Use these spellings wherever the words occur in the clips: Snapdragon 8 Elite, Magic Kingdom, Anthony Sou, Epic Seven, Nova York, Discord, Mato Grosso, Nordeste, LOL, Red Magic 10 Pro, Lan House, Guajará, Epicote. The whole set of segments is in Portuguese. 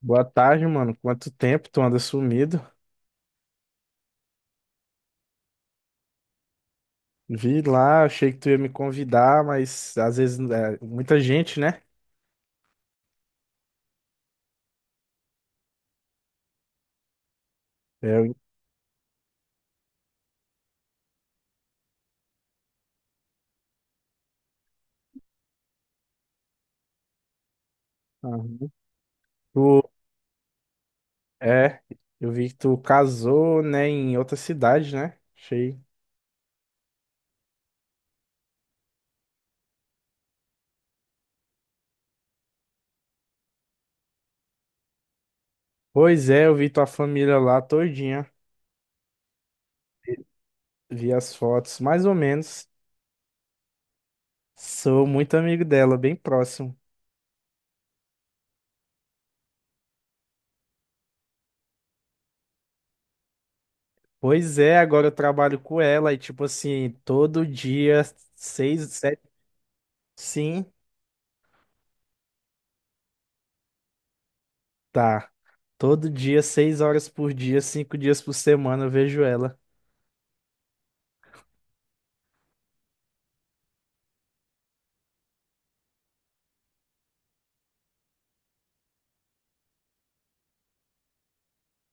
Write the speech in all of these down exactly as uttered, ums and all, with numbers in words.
Boa tarde, mano. Quanto tempo tu anda sumido? Vi lá, achei que tu ia me convidar, mas às vezes é, muita gente, né? É, eu- Aham. Tu, é, eu vi que tu casou, né, em outra cidade, né? Achei. Pois é, eu vi tua família lá todinha. Vi as fotos, mais ou menos. Sou muito amigo dela, bem próximo. Pois é, agora eu trabalho com ela e, tipo assim, todo dia, seis, sete. Sim. Tá. Todo dia, seis horas por dia, cinco dias por semana, eu vejo ela.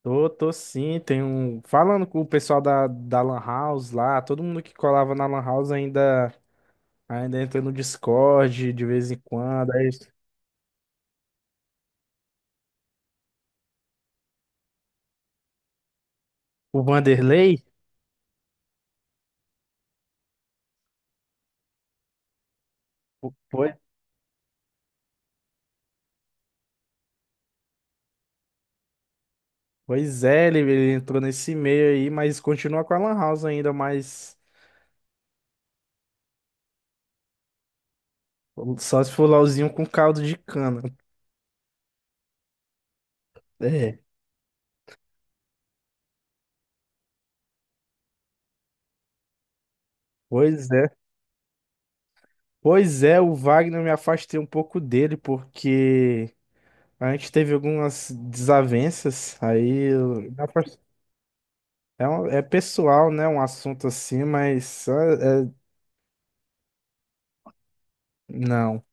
Tô, tô sim, tem um. Falando com o pessoal da, da Lan House lá, todo mundo que colava na Lan House ainda, ainda entra no Discord de vez em quando. Aí, o Vanderlei? po- Pois, pois é, ele, ele entrou nesse meio aí, mas continua com a Lan House ainda, mas só se for LOLzinho com caldo de cana. É, pois é. Pois é, o Wagner eu me afastei um pouco dele, porque. A gente teve algumas desavenças, aí eu- dá pra- é, um- é pessoal, né? Um assunto assim, mas é- é- não.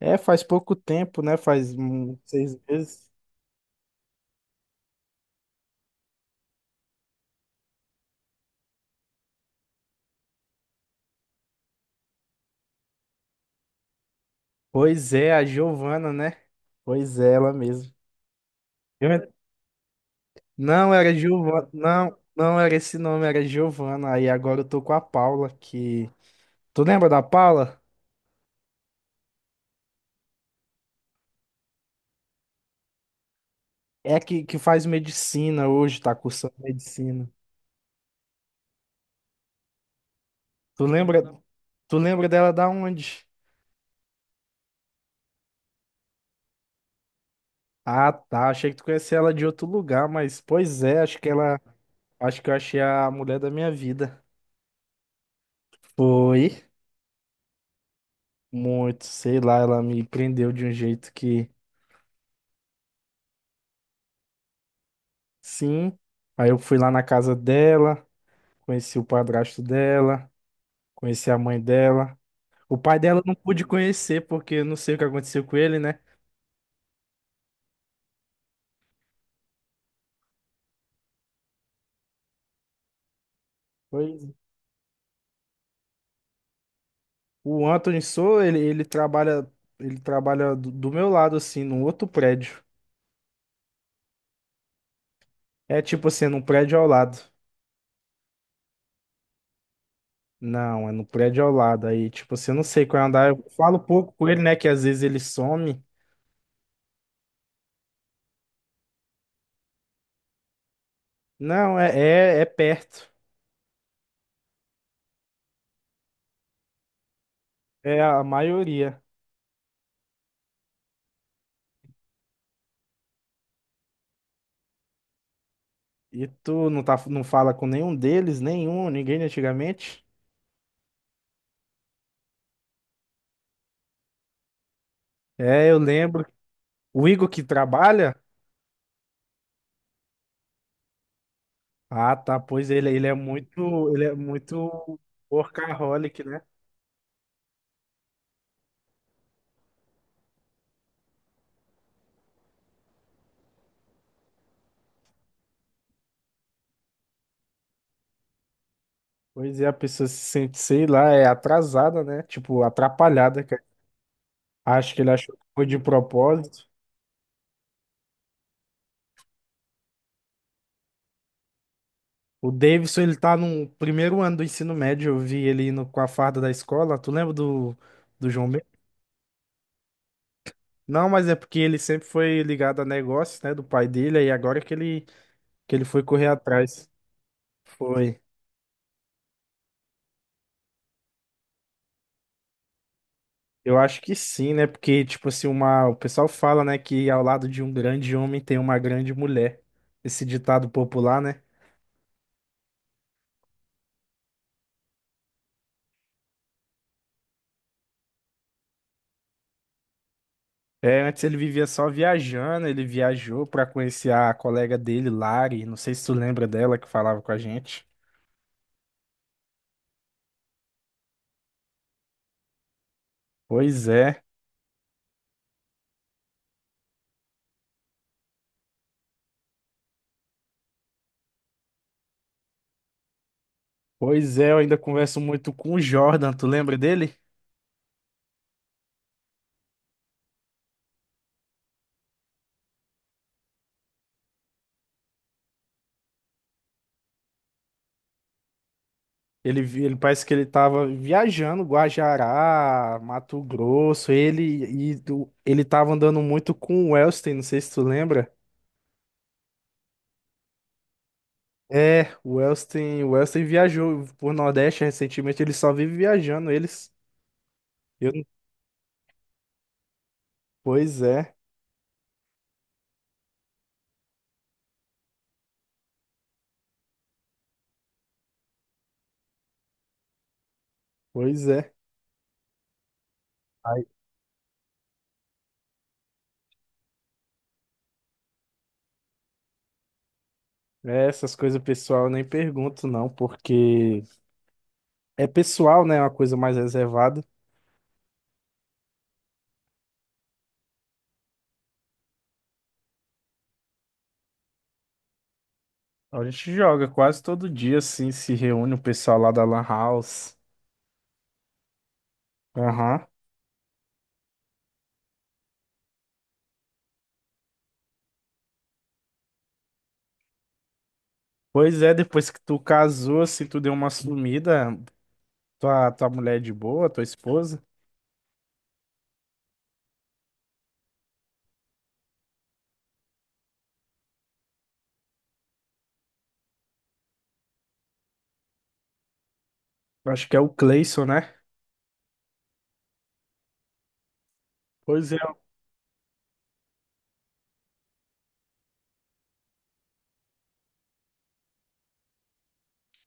É, faz pouco tempo, né? Faz uns seis meses. Pois é, a Giovana, né? Pois é, ela mesmo. Eu en- Não, era Giovana. Não, não era esse nome, era Giovana. Aí agora eu tô com a Paula, que. Tu lembra da Paula? É que, que faz medicina hoje, tá cursando medicina. Tu lembra, tu lembra dela da onde? Ah, tá. Achei que tu conhecia ela de outro lugar, mas pois é, acho que ela. Acho que eu achei a mulher da minha vida. Foi muito, sei lá, ela me prendeu de um jeito que sim. Aí eu fui lá na casa dela, conheci o padrasto dela, conheci a mãe dela. O pai dela eu não pude conhecer, porque eu não sei o que aconteceu com ele, né? Pois é. O Anthony sou, ele, ele trabalha, ele trabalha do, do meu lado, assim, num outro prédio. É tipo assim, num prédio ao lado. Não, é no prédio ao lado. Aí, tipo, assim, eu não sei qual é o andar. Eu falo pouco com ele, né? Que às vezes ele some. Não, é, é, é perto. É a maioria. E tu não, tá, não fala com nenhum deles, nenhum, ninguém de antigamente? É, eu lembro. O Igor que trabalha? Ah, tá. Pois ele, ele é muito, ele é muito workaholic, né? Pois é, a pessoa se sente, sei lá, é atrasada, né? Tipo, atrapalhada, cara. Acho que ele achou que foi de propósito. O Davidson, ele tá no primeiro ano do ensino médio, eu vi ele indo com a farda da escola. Tu lembra do, do João B? Não, mas é porque ele sempre foi ligado a negócios, né, do pai dele, aí agora que ele, que ele foi correr atrás. Foi. Eu acho que sim, né, porque, tipo assim, uma, o pessoal fala, né, que ao lado de um grande homem tem uma grande mulher. Esse ditado popular, né? É, antes ele vivia só viajando, ele viajou pra conhecer a colega dele, Lari, não sei se tu lembra dela que falava com a gente. Pois é. Pois é, eu ainda converso muito com o Jordan, tu lembra dele? Ele, vi- ele parece que ele tava viajando, Guajará, Mato Grosso, ele e do- ele tava andando muito com o Wellston, não sei se tu lembra. É, o Wellston, o Wellston viajou por Nordeste recentemente, ele só vive viajando, eles. Eu, não- pois é, pois é. Ai. É, essas coisas pessoal eu nem pergunto não, porque é pessoal, né, é uma coisa mais reservada. A gente joga quase todo dia, assim, se reúne o pessoal lá da Lan House. Aham. Pois é, depois que tu casou, assim, tu deu uma sumida, tua, tua mulher é de boa, tua esposa. Eu acho que é o Cleison, né? Pois é,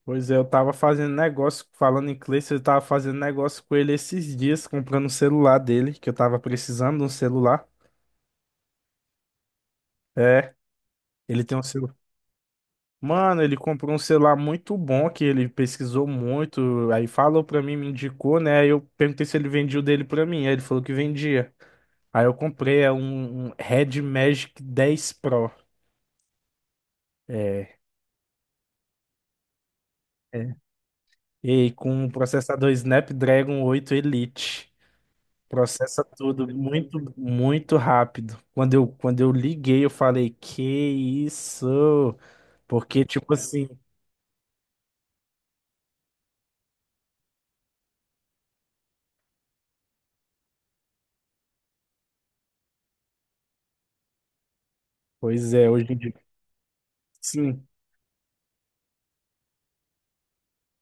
pois é, eu tava fazendo negócio, falando em Cleison, eu tava fazendo negócio com ele esses dias, comprando o celular dele, que eu tava precisando de um celular. É, ele tem um celular. Mano, ele comprou um celular muito bom que ele pesquisou muito, aí falou pra mim, me indicou, né? Aí eu perguntei se ele vendia o dele pra mim, aí ele falou que vendia. Aí eu comprei é um, um Red Magic dez Pro. É, é. E com um processador Snapdragon oito Elite. Processa tudo muito, muito rápido. Quando eu, quando eu liguei, eu falei, que isso? Porque, tipo assim, pois é, hoje em dia. Sim.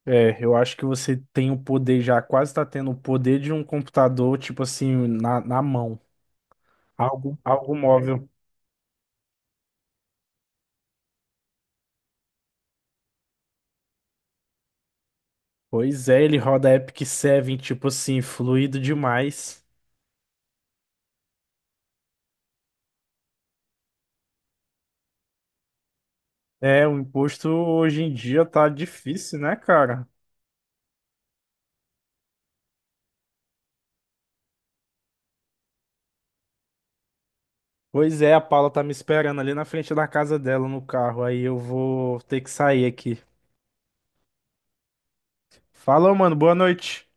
É, eu acho que você tem o poder já, quase tá tendo o poder de um computador, tipo assim, na, na mão. Algo, algo móvel. Pois é, ele roda Epic Seven tipo assim, fluido demais. É, o imposto hoje em dia tá difícil, né, cara? Pois é, a Paula tá me esperando ali na frente da casa dela no carro, aí eu vou ter que sair aqui. Falou, mano, boa noite.